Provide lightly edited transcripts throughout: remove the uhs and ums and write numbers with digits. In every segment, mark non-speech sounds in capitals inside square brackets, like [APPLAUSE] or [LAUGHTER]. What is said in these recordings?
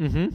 Mm-hmm.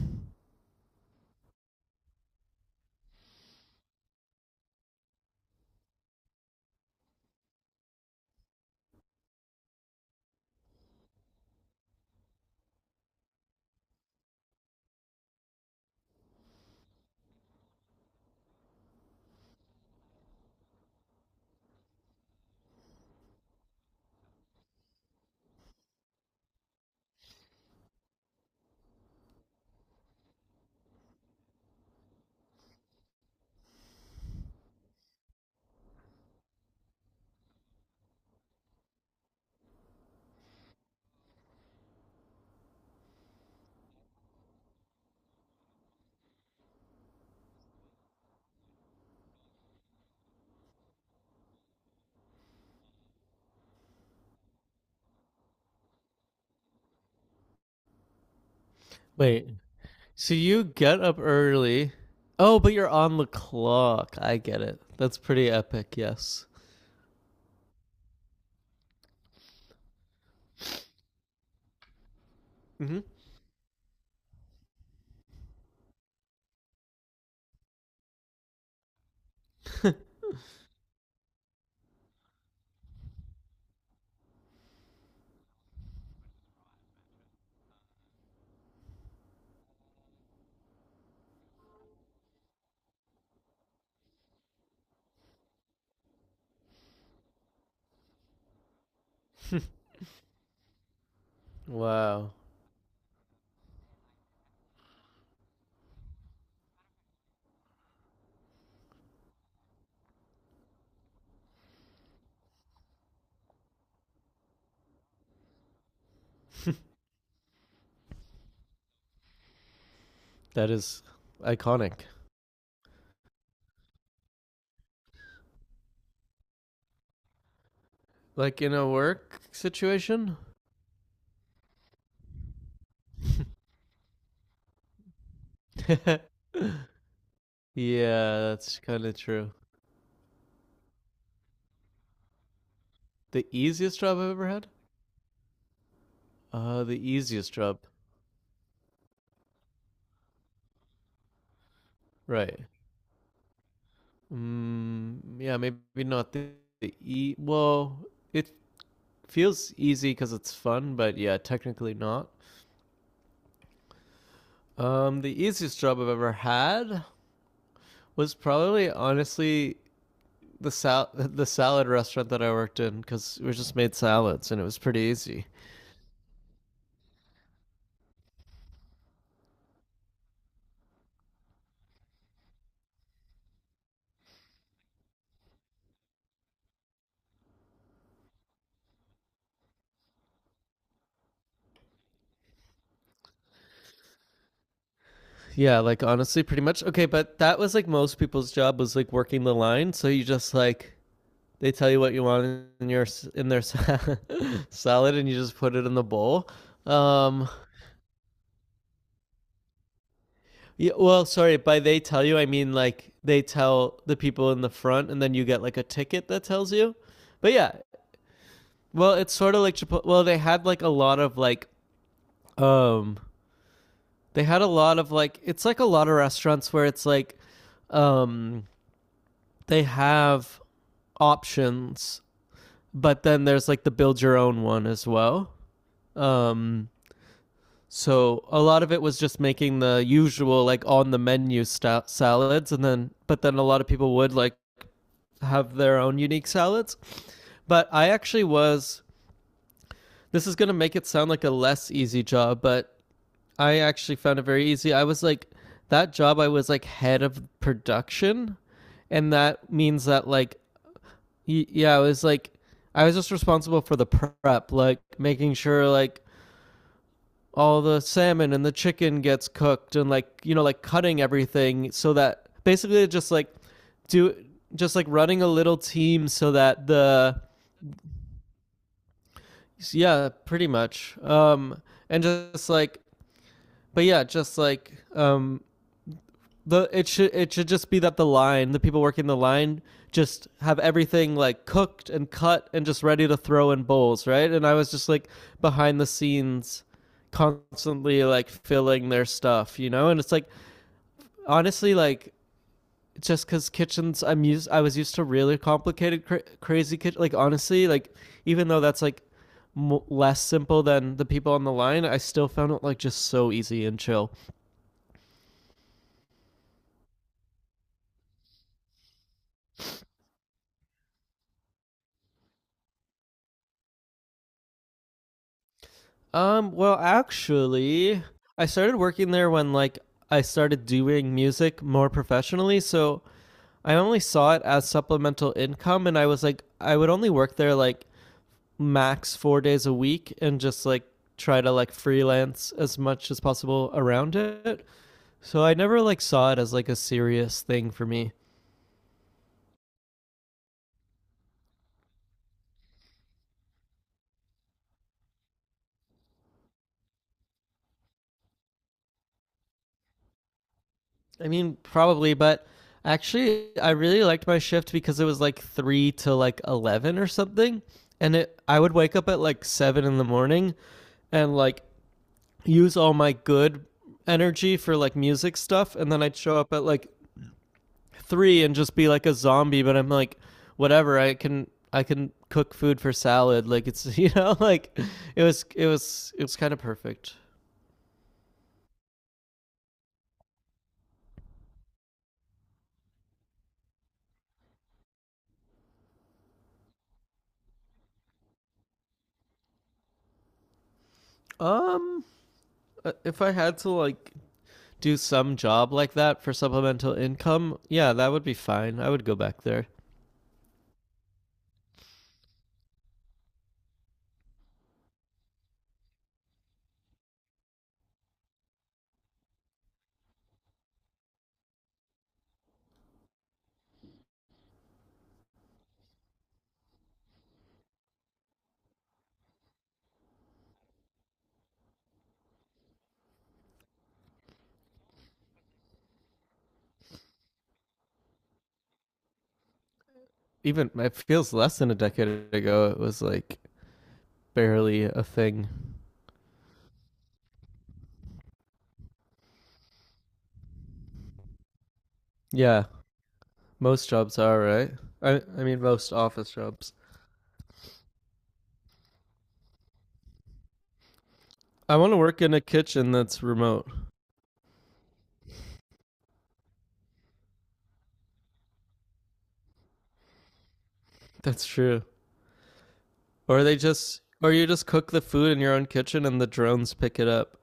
Wait. So you get up early. Oh, but you're on the clock. I get it. That's pretty epic. Yes. Mm-hmm. [LAUGHS] wow. That is iconic. Like in a work situation? [LAUGHS] yeah, that's kind of true. The easiest job I've ever had? The easiest job. Right. Yeah, maybe not the, the e. Well, it feels easy because it's fun, but yeah, technically not. The easiest job I've ever had was probably honestly the [LAUGHS] the salad restaurant that I worked in because we just made salads and it was pretty easy. Yeah, like honestly, pretty much. Okay, but that was like most people's job was like working the line. So you just like they tell you what you want in your in their [LAUGHS] salad and you just put it in the bowl. Um, yeah, well, sorry, by they tell you, I mean like they tell the people in the front and then you get like a ticket that tells you. But yeah, well, it's sort of like Chipotle. Well, they had like a lot of like um they had a lot of like it's like a lot of restaurants where it's like um they have options, but then there's like the build your own one as well. Um so a lot of it was just making the usual like on the menu salads and then but then a lot of people would like have their own unique salads. But I actually was, this is going to make it sound like a less easy job, but I actually found it very easy. I was like, that job, I was like head of production. And that means that, like, yeah, I was like, I was just responsible for the prep, like making sure, like, all the salmon and the chicken gets cooked and, like, you know, like cutting everything so that basically just like do just like running a little team so that the, yeah, pretty much. And just like, but yeah, just like, the it should just be that the people working the line just have everything like cooked and cut and just ready to throw in bowls, right? And I was just like behind the scenes constantly like filling their stuff, you know? And it's like honestly like just because kitchens I was used to really complicated crazy kitchen, like honestly like even though that's like less simple than the people on the line, I still found it like just so easy and chill. Well, actually, I started working there when like I started doing music more professionally, so I only saw it as supplemental income and I was like I would only work there like max 4 days a week and just like try to like freelance as much as possible around it. So I never like saw it as like a serious thing for me. I mean, probably, but actually, I really liked my shift because it was like three to like 11 or something, and it I would wake up at like seven in the morning, and like use all my good energy for like music stuff, and then I'd show up at like three and just be like a zombie. But I'm like, whatever, I can cook food for salad. Like it's [LAUGHS] you know like it was kind of perfect. Um, if I had to like do some job like that for supplemental income, yeah, that would be fine. I would go back there. Even it feels less than a decade ago, it was like barely a thing. Yeah, most jobs are, right? I, I mean, most office jobs. I want to work in a kitchen that's remote. That's true. Or you just cook the food in your own kitchen and the drones pick it up.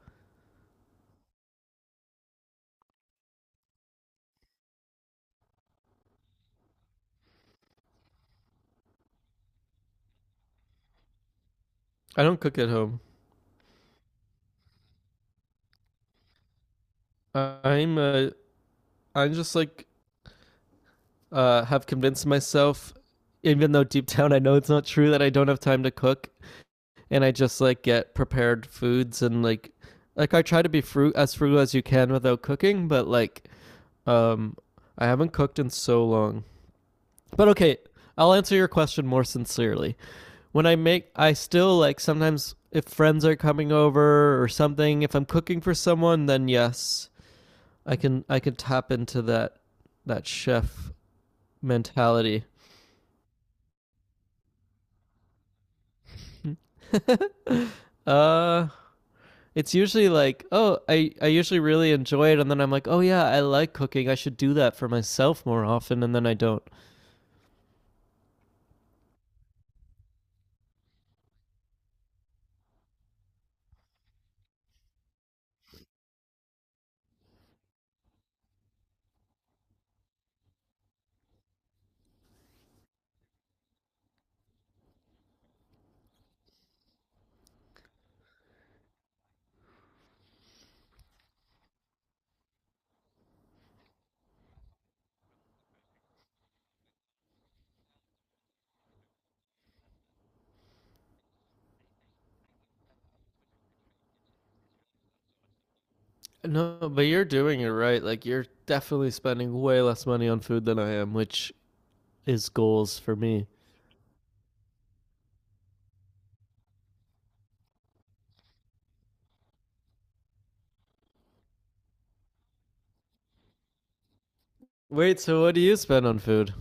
I don't cook at home. I- I'm a, I'm just like have convinced myself, even though deep [LAUGHS] down I know it's not true, that I don't have time to cook, and I just like get prepared foods and like I try to be fruit as frugal as you can without cooking, but like, um, I haven't cooked in so long. But okay, I'll answer your question more sincerely. When I make, I still like sometimes if friends are coming over or something. If I'm cooking for someone, then yes, I can tap into that chef mentality. [LAUGHS] uh, it's usually like, oh, I usually really enjoy it. And then I'm like, oh, yeah, I like cooking. I should do that for myself more often. And then I don't. No, but you're doing it right. Like, you're definitely spending way less money on food than I am, which is goals for me. Wait, so what do you spend on food?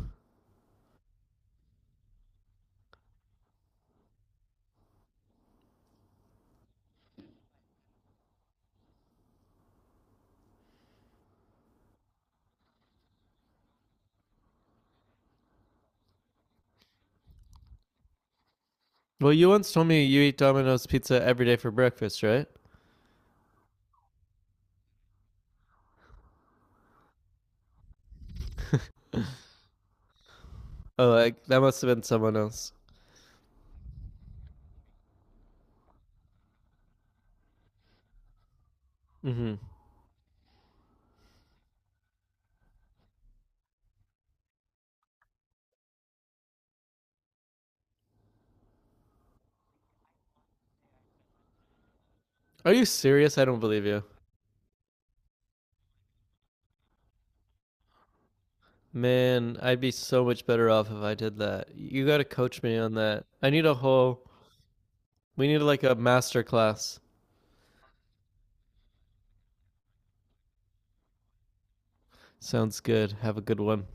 Well, you once told me you eat Domino's pizza every day for breakfast, right? Oh, like, that must have been someone else. Hmm. Are you serious? I don't believe you. Man, I'd be so much better off if I did that. You gotta coach me on that. I need a whole, we need like a master class. Sounds good. Have a good one.